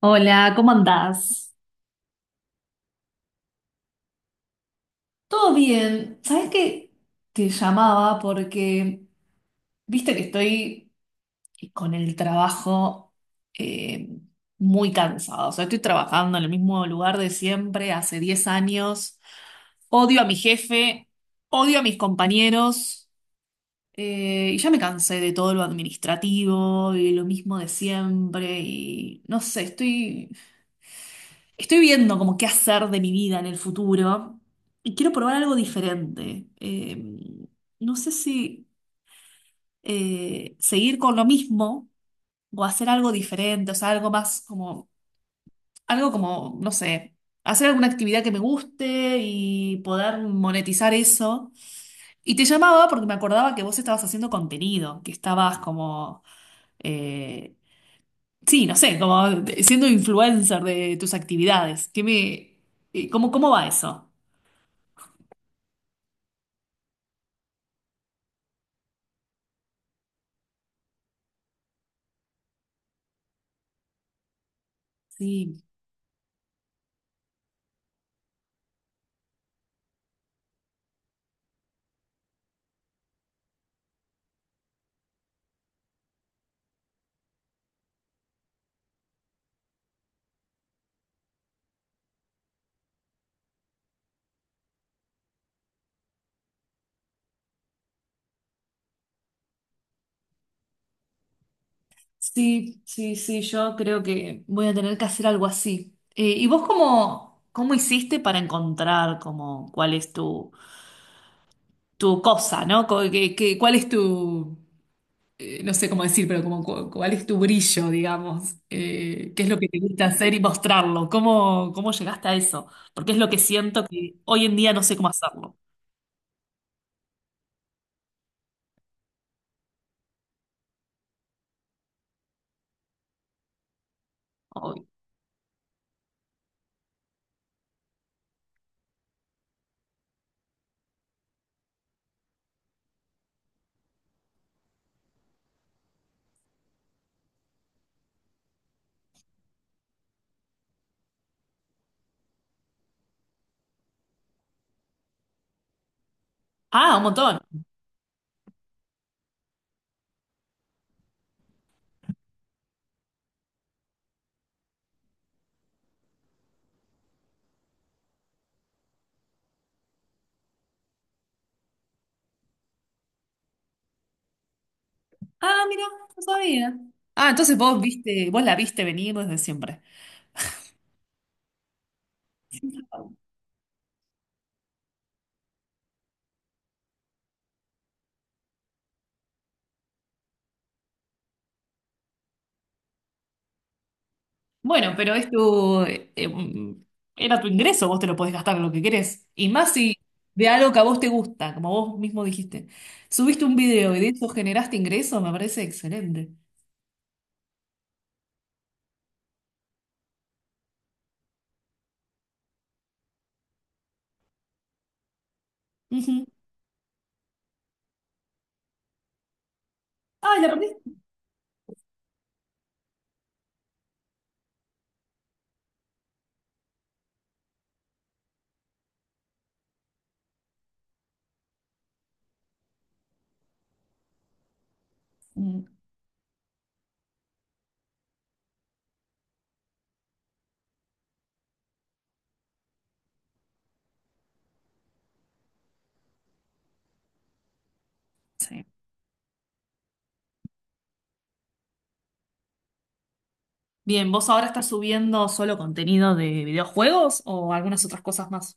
Hola, ¿cómo andás? Todo bien. ¿Sabes que? Te llamaba porque viste que estoy con el trabajo, eh, muy cansado. O sea, estoy trabajando en el mismo lugar de siempre hace 10 años. Odio a mi jefe, odio a mis compañeros, y ya me cansé de todo lo administrativo y lo mismo de siempre. Y no sé, estoy. Estoy viendo como qué hacer de mi vida en el futuro y quiero probar algo diferente. No sé si seguir con lo mismo o hacer algo diferente, o sea, algo más como, algo como, no sé, hacer alguna actividad que me guste y poder monetizar eso. Y te llamaba porque me acordaba que vos estabas haciendo contenido, que estabas como, eh, sí, no sé, como siendo influencer de tus actividades. ¿Qué me, cómo, cómo va eso? Sí, sí, sí, sí, yo creo que voy a tener que hacer algo así. ¿Y vos cómo, cómo hiciste para encontrar como cuál es tu cosa, ¿no? Cuál es tu, no sé cómo decir, pero como cuál es tu brillo, digamos? ¿Qué es lo que te gusta hacer y mostrarlo? ¿Cómo, cómo llegaste a eso? Porque es lo que siento que hoy en día no sé cómo hacerlo. Hoy. Ah, un montón. Ah, mira, no sabía. Ah, entonces vos viste, vos la viste venir desde siempre. Bueno, pero es tu, era tu ingreso, vos te lo podés gastar en lo que querés. Y más si de algo que a vos te gusta, como vos mismo dijiste. Subiste un video y de eso generaste ingreso, me parece excelente. Ujú. Ay, la perdí. Mm, sí. Bien, ¿vos ahora estás subiendo solo contenido de videojuegos o algunas otras cosas más?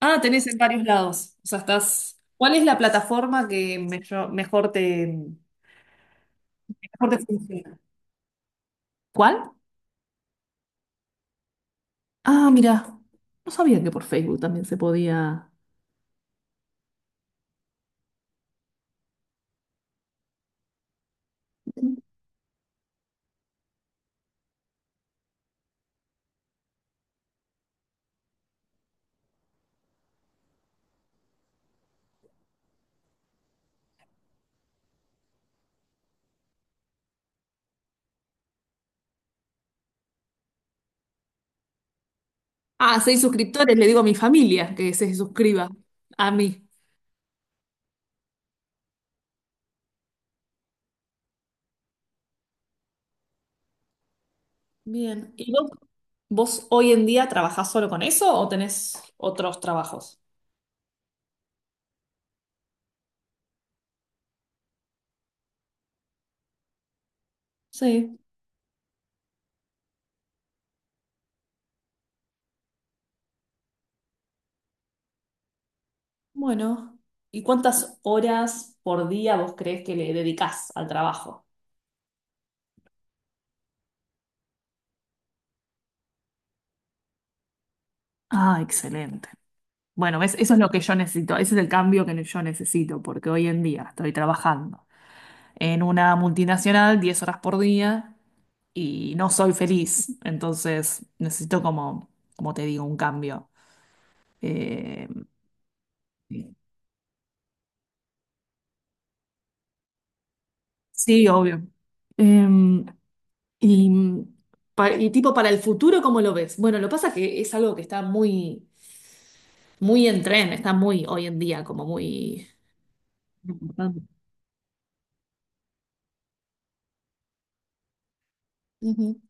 Ah, tenés en varios lados. O sea, estás. ¿Cuál es la plataforma que mejor, mejor te funciona? ¿Cuál? Ah, mira, no sabía que por Facebook también se podía. Ah, seis suscriptores, le digo a mi familia que se suscriba a mí. Bien. ¿Y vos hoy en día trabajás solo con eso o tenés otros trabajos? Sí, bueno. ¿Y cuántas horas por día vos crees que le dedicás al trabajo? Ah, excelente. Bueno, ¿ves? Eso es lo que yo necesito, ese es el cambio que yo necesito, porque hoy en día estoy trabajando en una multinacional 10 horas por día. Y no soy feliz. Entonces necesito como, como te digo, un cambio. Eh, sí, obvio. Eh, y, y tipo para el futuro, ¿cómo lo ves? Bueno, lo pasa que es algo que está muy, muy en tren, está muy hoy en día, como muy importante. Ujú.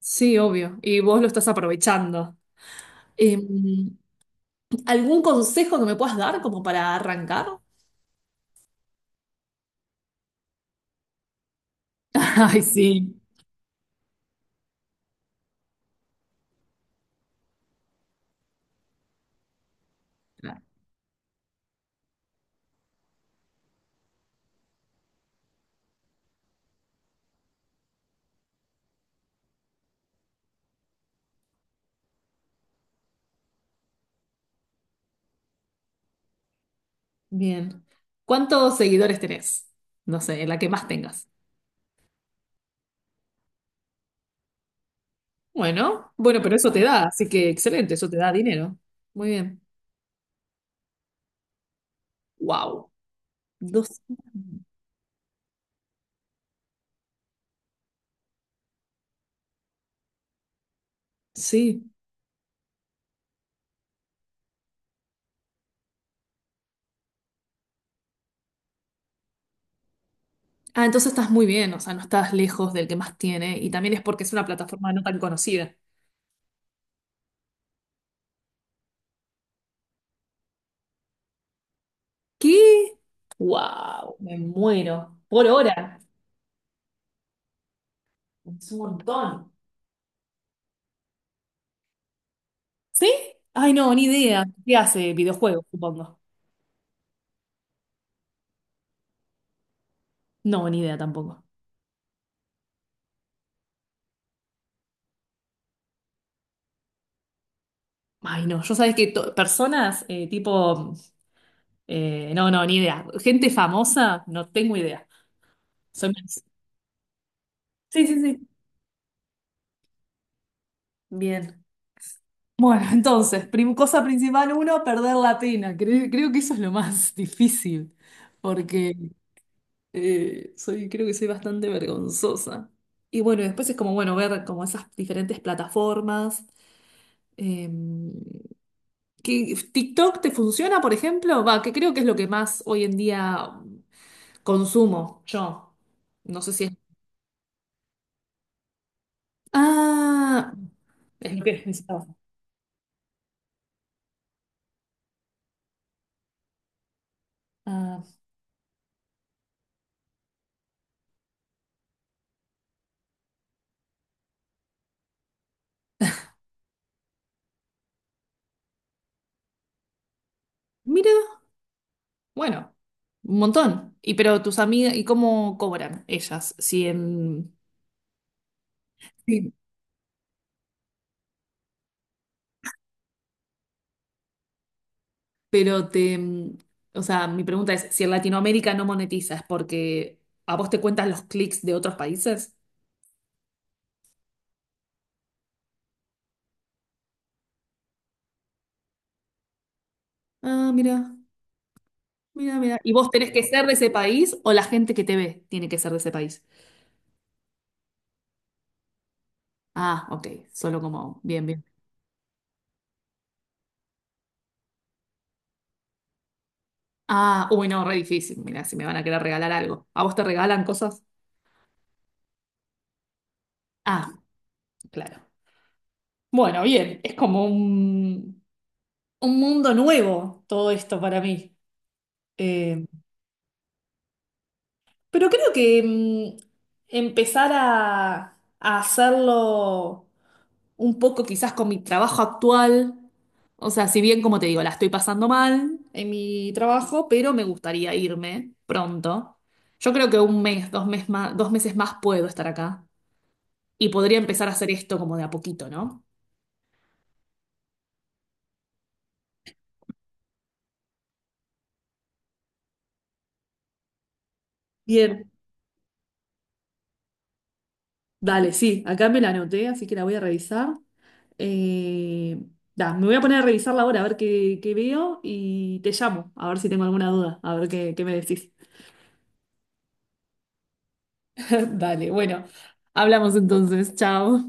Sí, obvio. Y vos lo estás aprovechando. Eh, ¿Algún consejo que me puedas dar como para arrancar? Ay, sí. Bien. ¿Cuántos seguidores tenés? No sé, la que más tengas. Bueno, bueno, pero eso te da, así que excelente, eso te da dinero. Muy bien. Wow. Dos. Sí. Ah, entonces estás muy bien, o sea, no estás lejos del que más tiene y también es porque es una plataforma no tan conocida. ¿Qué? Wow, me muero. Por hora. Es un montón. ¿Sí? Ay, no, ni idea. ¿Qué hace? Videojuegos, supongo. No, ni idea tampoco. Ay, no, yo sabes que personas tipo. No, no, ni idea. Gente famosa, no tengo idea. Soy menos- Sí, sí, sí. Bien. Bueno, entonces, cosa principal uno, perder la pena. Creo que eso es lo más difícil, porque soy, creo que soy bastante vergonzosa. Y bueno, después es como, bueno, ver como esas diferentes plataformas. em, ¿Qué- ¿TikTok te funciona, por ejemplo? Va, que creo que es lo que más hoy en día consumo yo. No sé si es. Ah, es lo que necesitaba. Ah, mira, bueno, un montón. Y pero tus amigas, ¿y cómo cobran ellas? Si en, sí. Pero te, o sea, mi pregunta es, si en Latinoamérica no monetizas, porque a vos te cuentan los clics de otros países. Ah, mira, mira, mira. ¿Y vos tenés que ser de ese país o la gente que te ve tiene que ser de ese país? Ah, ok, solo como, bien, bien. Ah, uy, no, re difícil. Mira, si me van a querer regalar algo. ¿A vos te regalan cosas? Ah. Claro. Bueno, bien, es como un mundo nuevo todo esto para mí. Eh, pero creo que empezar a hacerlo un poco quizás con mi trabajo actual, o sea, si bien como te digo, la estoy pasando mal en mi trabajo, pero me gustaría irme pronto. Yo creo que un mes, 2 mes más, 2 meses más puedo estar acá y podría empezar a hacer esto como de a poquito, ¿no? Bien, dale, sí, acá me la anoté, así que la voy a revisar. Eh, da, me voy a poner a revisarla ahora a ver qué, qué veo y te llamo, a ver si tengo alguna duda, a ver qué, qué me decís. Dale, bueno, hablamos entonces, chao.